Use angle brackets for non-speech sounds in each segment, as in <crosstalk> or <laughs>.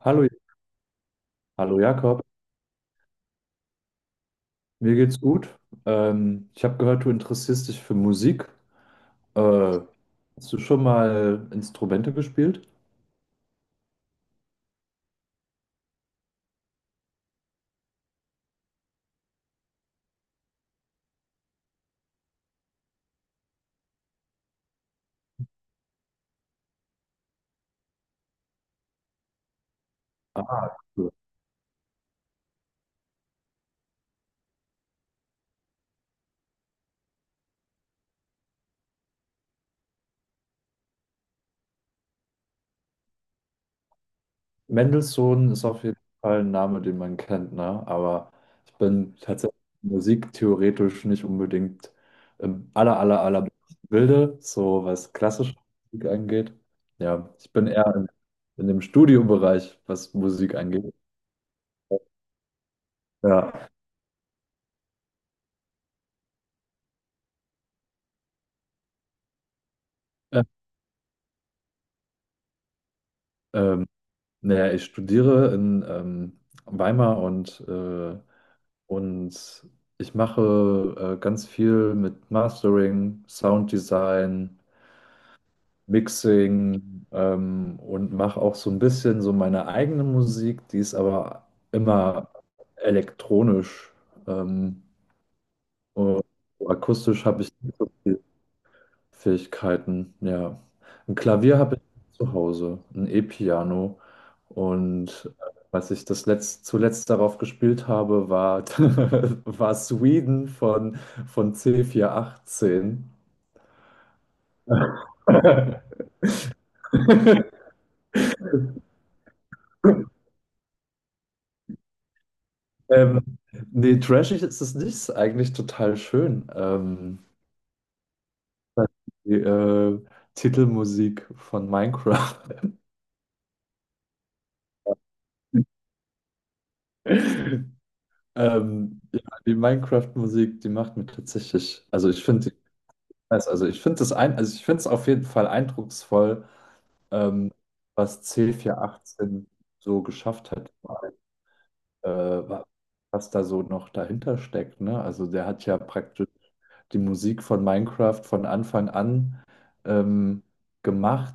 Hallo, hallo Jakob, mir geht's gut. Ich habe gehört, du interessierst dich für Musik. Äh, Hast du schon mal Instrumente gespielt? Ah, cool. Mendelssohn ist auf jeden Fall ein Name, den man kennt, ne? Aber ich bin tatsächlich musiktheoretisch nicht unbedingt im aller, aller, aller Bilde, so was klassische Musik angeht. Ja, ich bin eher in dem Studiobereich, was Musik angeht. Ja. äh, Ähm, Naja, ich studiere in Weimar, und und ich mache ganz viel mit Mastering, Sounddesign, Mixing, und mache auch so ein bisschen so meine eigene Musik, die ist aber immer elektronisch. Ähm, und so akustisch habe ich nicht so Fähigkeiten, ja. Ein Klavier habe ich zu Hause, ein E-Piano. Und als ich das zuletzt darauf gespielt habe, war, <laughs> war Sweden von, C418. <laughs> Ähm, Nee, trashig ist es nicht, ist eigentlich total schön. Die Titelmusik von Minecraft. <laughs> Ja, die Minecraft-Musik, die macht mir tatsächlich, also ich finde, also ich finde das ein, also ich finde es auf jeden Fall eindrucksvoll, ähm, was C418 so geschafft hat, äh, wa- was da so noch dahinter steckt, ne? Also der hat ja praktisch die Musik von Minecraft von Anfang an ähm, gemacht,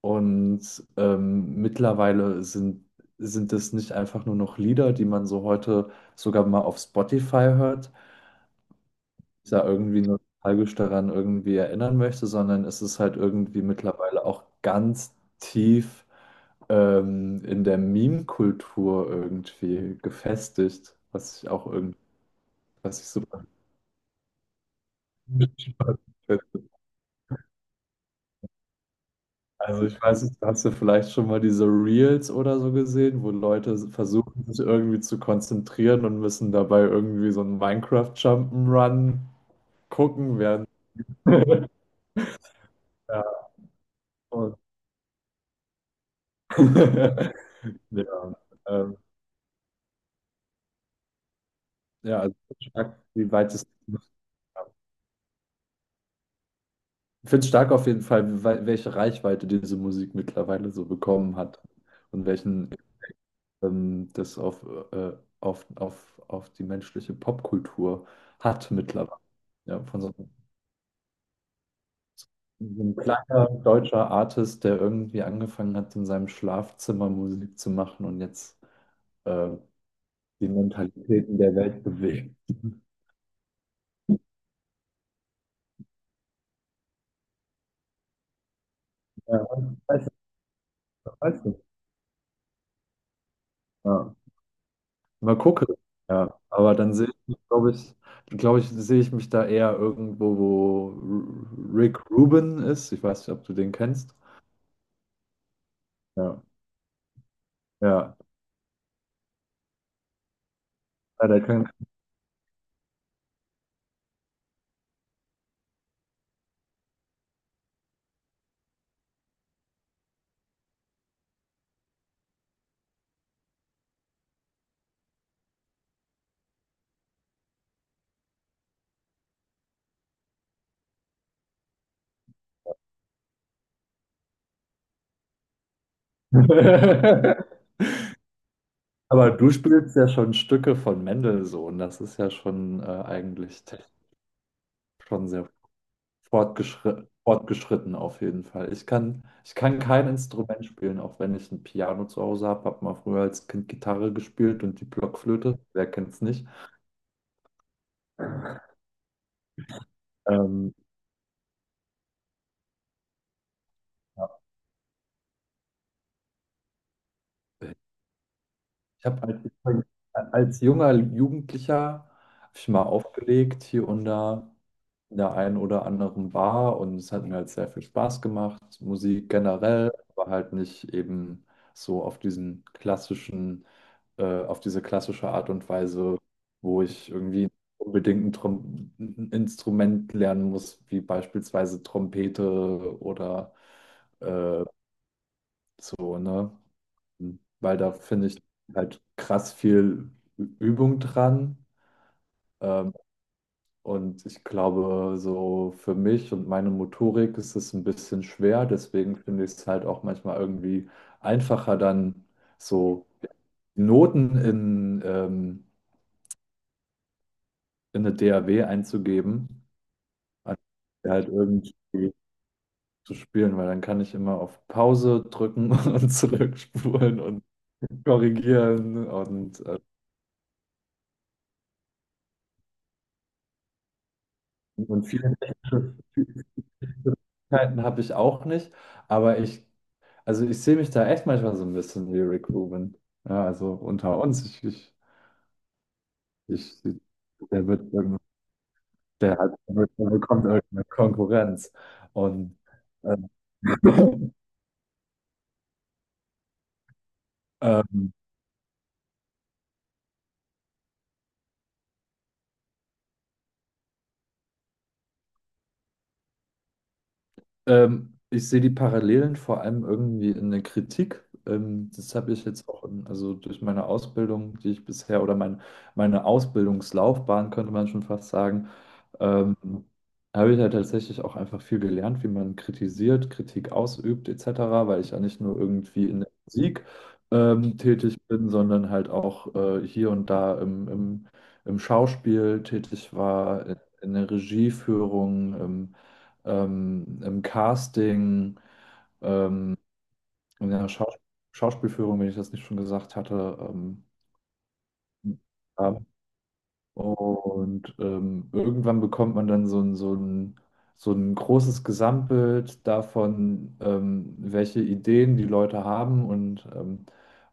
und mittlerweile sind es nicht einfach nur noch Lieder, die man so heute sogar mal auf Spotify hört, da irgendwie nostalgisch daran irgendwie erinnern möchte, sondern es ist halt irgendwie mittlerweile auch ganz tief in der Meme-Kultur irgendwie gefestigt, was ich super spannend finde. Also ich weiß nicht, hast du vielleicht schon mal diese Reels oder so gesehen, wo Leute versuchen, sich irgendwie zu konzentrieren und müssen dabei irgendwie so einen Minecraft Jump'n'Run gucken, während <laughs> ja, und <laughs> ja, ähm, ja, also ich find's stark, wie weit es. Ich finde es stark auf jeden Fall, welche Reichweite diese Musik mittlerweile so bekommen hat und welchen das auf, äh, auf die menschliche Popkultur hat mittlerweile. Ja, von so einem kleiner deutscher Artist, der irgendwie angefangen hat, in seinem Schlafzimmer Musik zu machen und jetzt äh, die Mentalitäten der Welt bewegt. Ja, weiß ich, weiß ich. Mal gucken. Ja, aber dann sehe ich, glaube ich, sehe ich mich da eher irgendwo, wo Rick Rubin ist. Ich weiß nicht, ob du den kennst. Ja, ja, ja, der kann. <laughs> Aber du spielst ja schon Stücke von Mendelssohn. Das ist ja schon eigentlich technisch schon sehr fortgeschritten, fortgeschritten auf jeden Fall. Ich kann kein Instrument spielen, auch wenn ich ein Piano zu Hause habe. Habe mal früher als Kind Gitarre gespielt und die Blockflöte. Wer kennt's nicht? Ähm, ja. Ich habe als junger Jugendlicher hab ich mal aufgelegt hier und da in der einen oder anderen Bar, und es hat mir halt sehr viel Spaß gemacht. Musik generell, aber halt nicht eben so auf auf diese klassische Art und Weise, wo ich irgendwie unbedingt ein Instrument lernen muss, wie beispielsweise Trompete oder äh, so, ne? Hm. Weil da finde ich halt krass viel Übung dran. Ähm, und ich glaube, so für mich und meine Motorik ist es ein bisschen schwer. Deswegen finde ich es halt auch manchmal irgendwie einfacher, dann so Noten in eine DAW einzugeben, als halt irgendwie zu spielen, weil dann kann ich immer auf Pause drücken <laughs> und zurückspulen und korrigieren und Möglichkeiten habe ich auch nicht, aber ich, also ich sehe mich da echt manchmal so ein bisschen wie Rick Rubin. Ja, also unter uns, ich, der wird, irgend- der hat, der wird- der bekommt irgendeine Konkurrenz. Und ähm, <laughs> ähm, ich sehe die Parallelen vor allem irgendwie in der Kritik. Das habe ich jetzt auch, also durch meine Ausbildung, die ich bisher oder meine Ausbildungslaufbahn, könnte man schon fast sagen, ähm, habe ich ja tatsächlich auch einfach viel gelernt, wie man kritisiert, Kritik ausübt, etc., weil ich ja nicht nur irgendwie in der Musik tätig bin, sondern halt auch hier und da im Schauspiel tätig war, in der Regieführung. Im Casting, in der Schauspielführung, wenn ich das nicht schon gesagt hatte. Ja. Und irgendwann bekommt man dann so ein großes Gesamtbild davon, welche Ideen die Leute haben und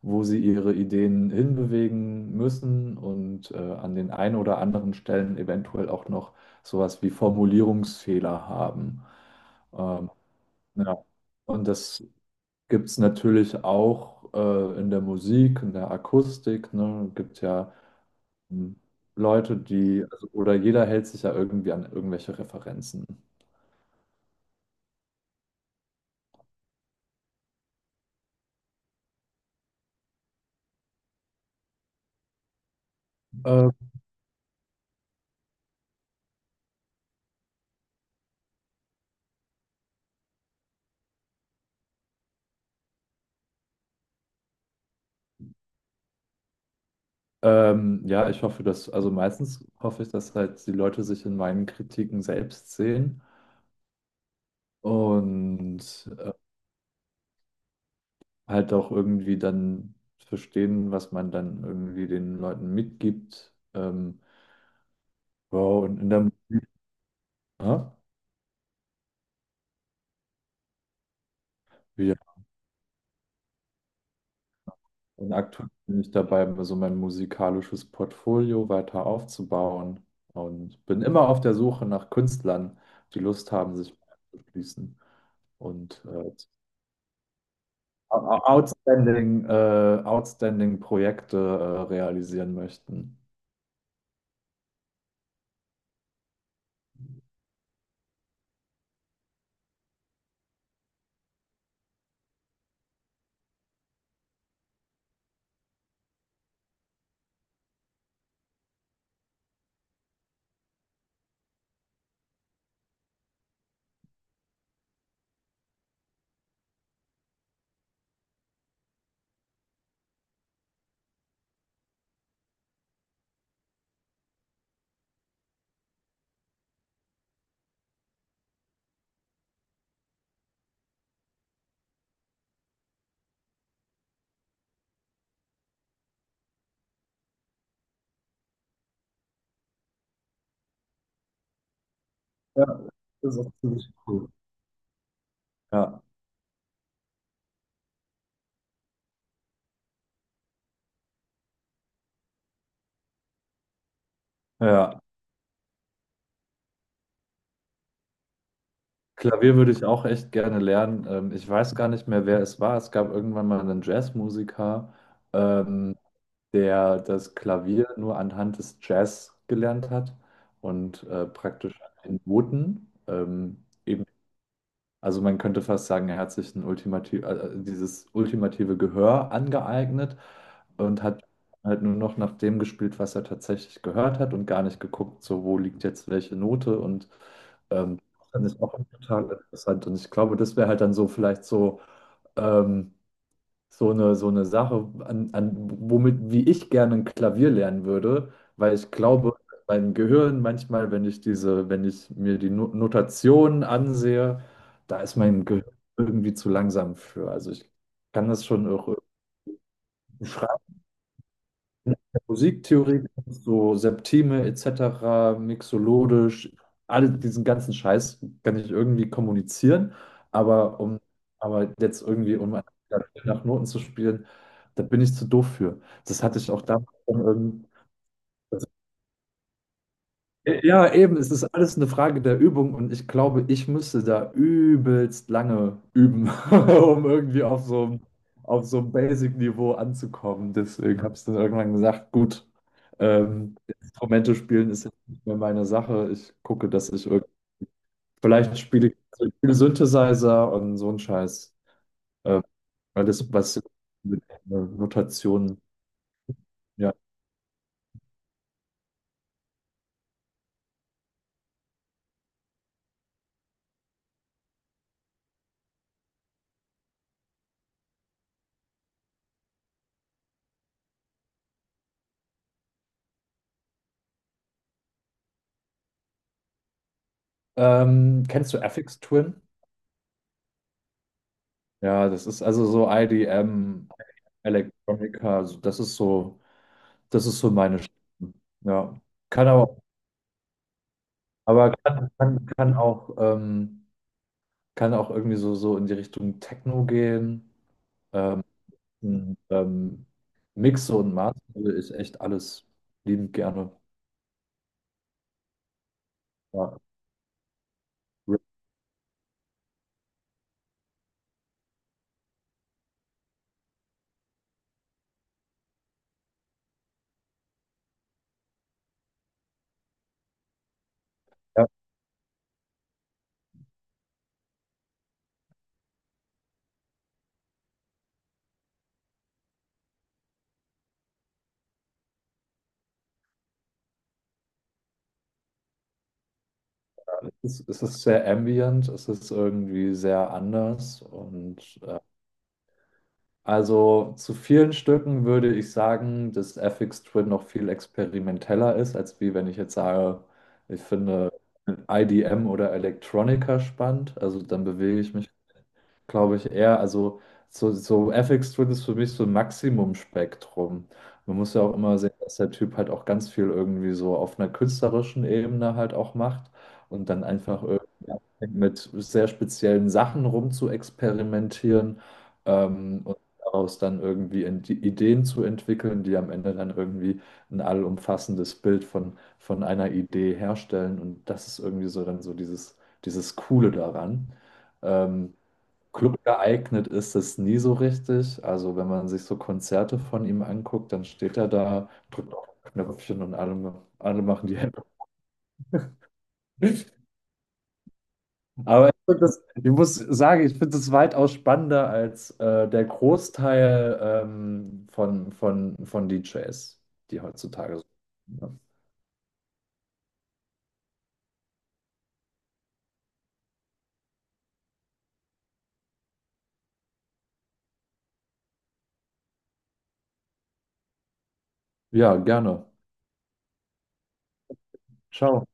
wo sie ihre Ideen hinbewegen müssen und an den einen oder anderen Stellen eventuell auch noch sowas wie Formulierungsfehler haben. Ähm, ja. Und das gibt es natürlich auch in der Musik, in der Akustik, ne, gibt ja hm, Leute, die, also, oder jeder hält sich ja irgendwie an irgendwelche Referenzen. Äh, ja, ich hoffe, dass, also meistens hoffe ich, dass halt die Leute sich in meinen Kritiken selbst sehen und halt auch irgendwie dann verstehen, was man dann irgendwie den Leuten mitgibt. Wow, und in der Musik, ja, wie und aktuell bin ich dabei, so mein musikalisches Portfolio weiter aufzubauen und bin immer auf der Suche nach Künstlern, die Lust haben, sich anzuschließen und outstanding Projekte realisieren möchten. Ja, das ist auch ziemlich cool. Ja, ja. Klavier würde ich auch echt gerne lernen. Ich weiß gar nicht mehr, wer es war. Es gab irgendwann mal einen Jazzmusiker. Ähm, Der das Klavier nur anhand des Jazz gelernt hat und praktisch an den Noten. Also man könnte fast sagen, er hat sich dieses ultimative Gehör angeeignet und hat halt nur noch nach dem gespielt, was er tatsächlich gehört hat, und gar nicht geguckt, so wo liegt jetzt welche Note. Und das fand ich auch total interessant, und ich glaube, das wäre halt dann so vielleicht so ähm, so eine Sache, an, an, wie ich gerne ein Klavier lernen würde, weil ich glaube, mein Gehirn manchmal, wenn ich mir die Notationen ansehe, da ist mein Gehirn irgendwie zu langsam für. Also ich kann das schon auch. In der Musiktheorie, so Septime etc., mixologisch, all diesen ganzen Scheiß kann ich irgendwie kommunizieren, aber um, aber jetzt irgendwie, um nach Noten zu spielen, da bin ich zu doof für. Das hatte ich auch damals schon irgendwie. Ja, eben, es ist alles eine Frage der Übung, und ich glaube, ich müsste da übelst lange üben, <laughs> um irgendwie auf so ein Basic-Niveau anzukommen. Deswegen habe ich dann irgendwann gesagt, gut, ähm, Instrumente spielen ist jetzt nicht mehr meine Sache. Ich gucke, dass ich irgendwie, vielleicht spiele ich also ich spiele Synthesizer und so ein Scheiß. Ähm, Alles, was mit Notationen, ja. Kennst du FX Twin? Ja, das ist also so IDM, Electronica, das ist so meine Stimme. Ja. Kann aber kann auch irgendwie so in die Richtung Techno gehen. Ähm, ähm, Mixe und Master ist echt alles liebend gerne. Ja. Ja, es ist sehr ambient, es ist irgendwie sehr anders, und also zu vielen Stücken würde ich sagen, dass FX Twin noch viel experimenteller ist, als wie wenn ich jetzt sage, ich finde IDM oder Electronica spannend. Also dann bewege ich mich, glaube ich, eher, also so Ethics Twin ist für mich so ein Maximum-Spektrum. Man muss ja auch immer sehen, dass der Typ halt auch ganz viel irgendwie so auf einer künstlerischen Ebene halt auch macht und dann einfach irgendwie anfängt, mit sehr speziellen Sachen rum zu experimentieren, und daraus dann irgendwie in die Ideen zu entwickeln, die am Ende dann irgendwie ein allumfassendes Bild von einer Idee herstellen. Und das ist irgendwie so dann so dieses, dieses Coole daran. Ähm, Club geeignet ist es nie so richtig. Also wenn man sich so Konzerte von ihm anguckt, dann steht er da, drückt auf ein Knöpfchen und alle, alle machen die Hände. <laughs> Ich muss sagen, ich finde es weitaus spannender als der Großteil von DJs, die heutzutage so. Ja, gerne. Ciao.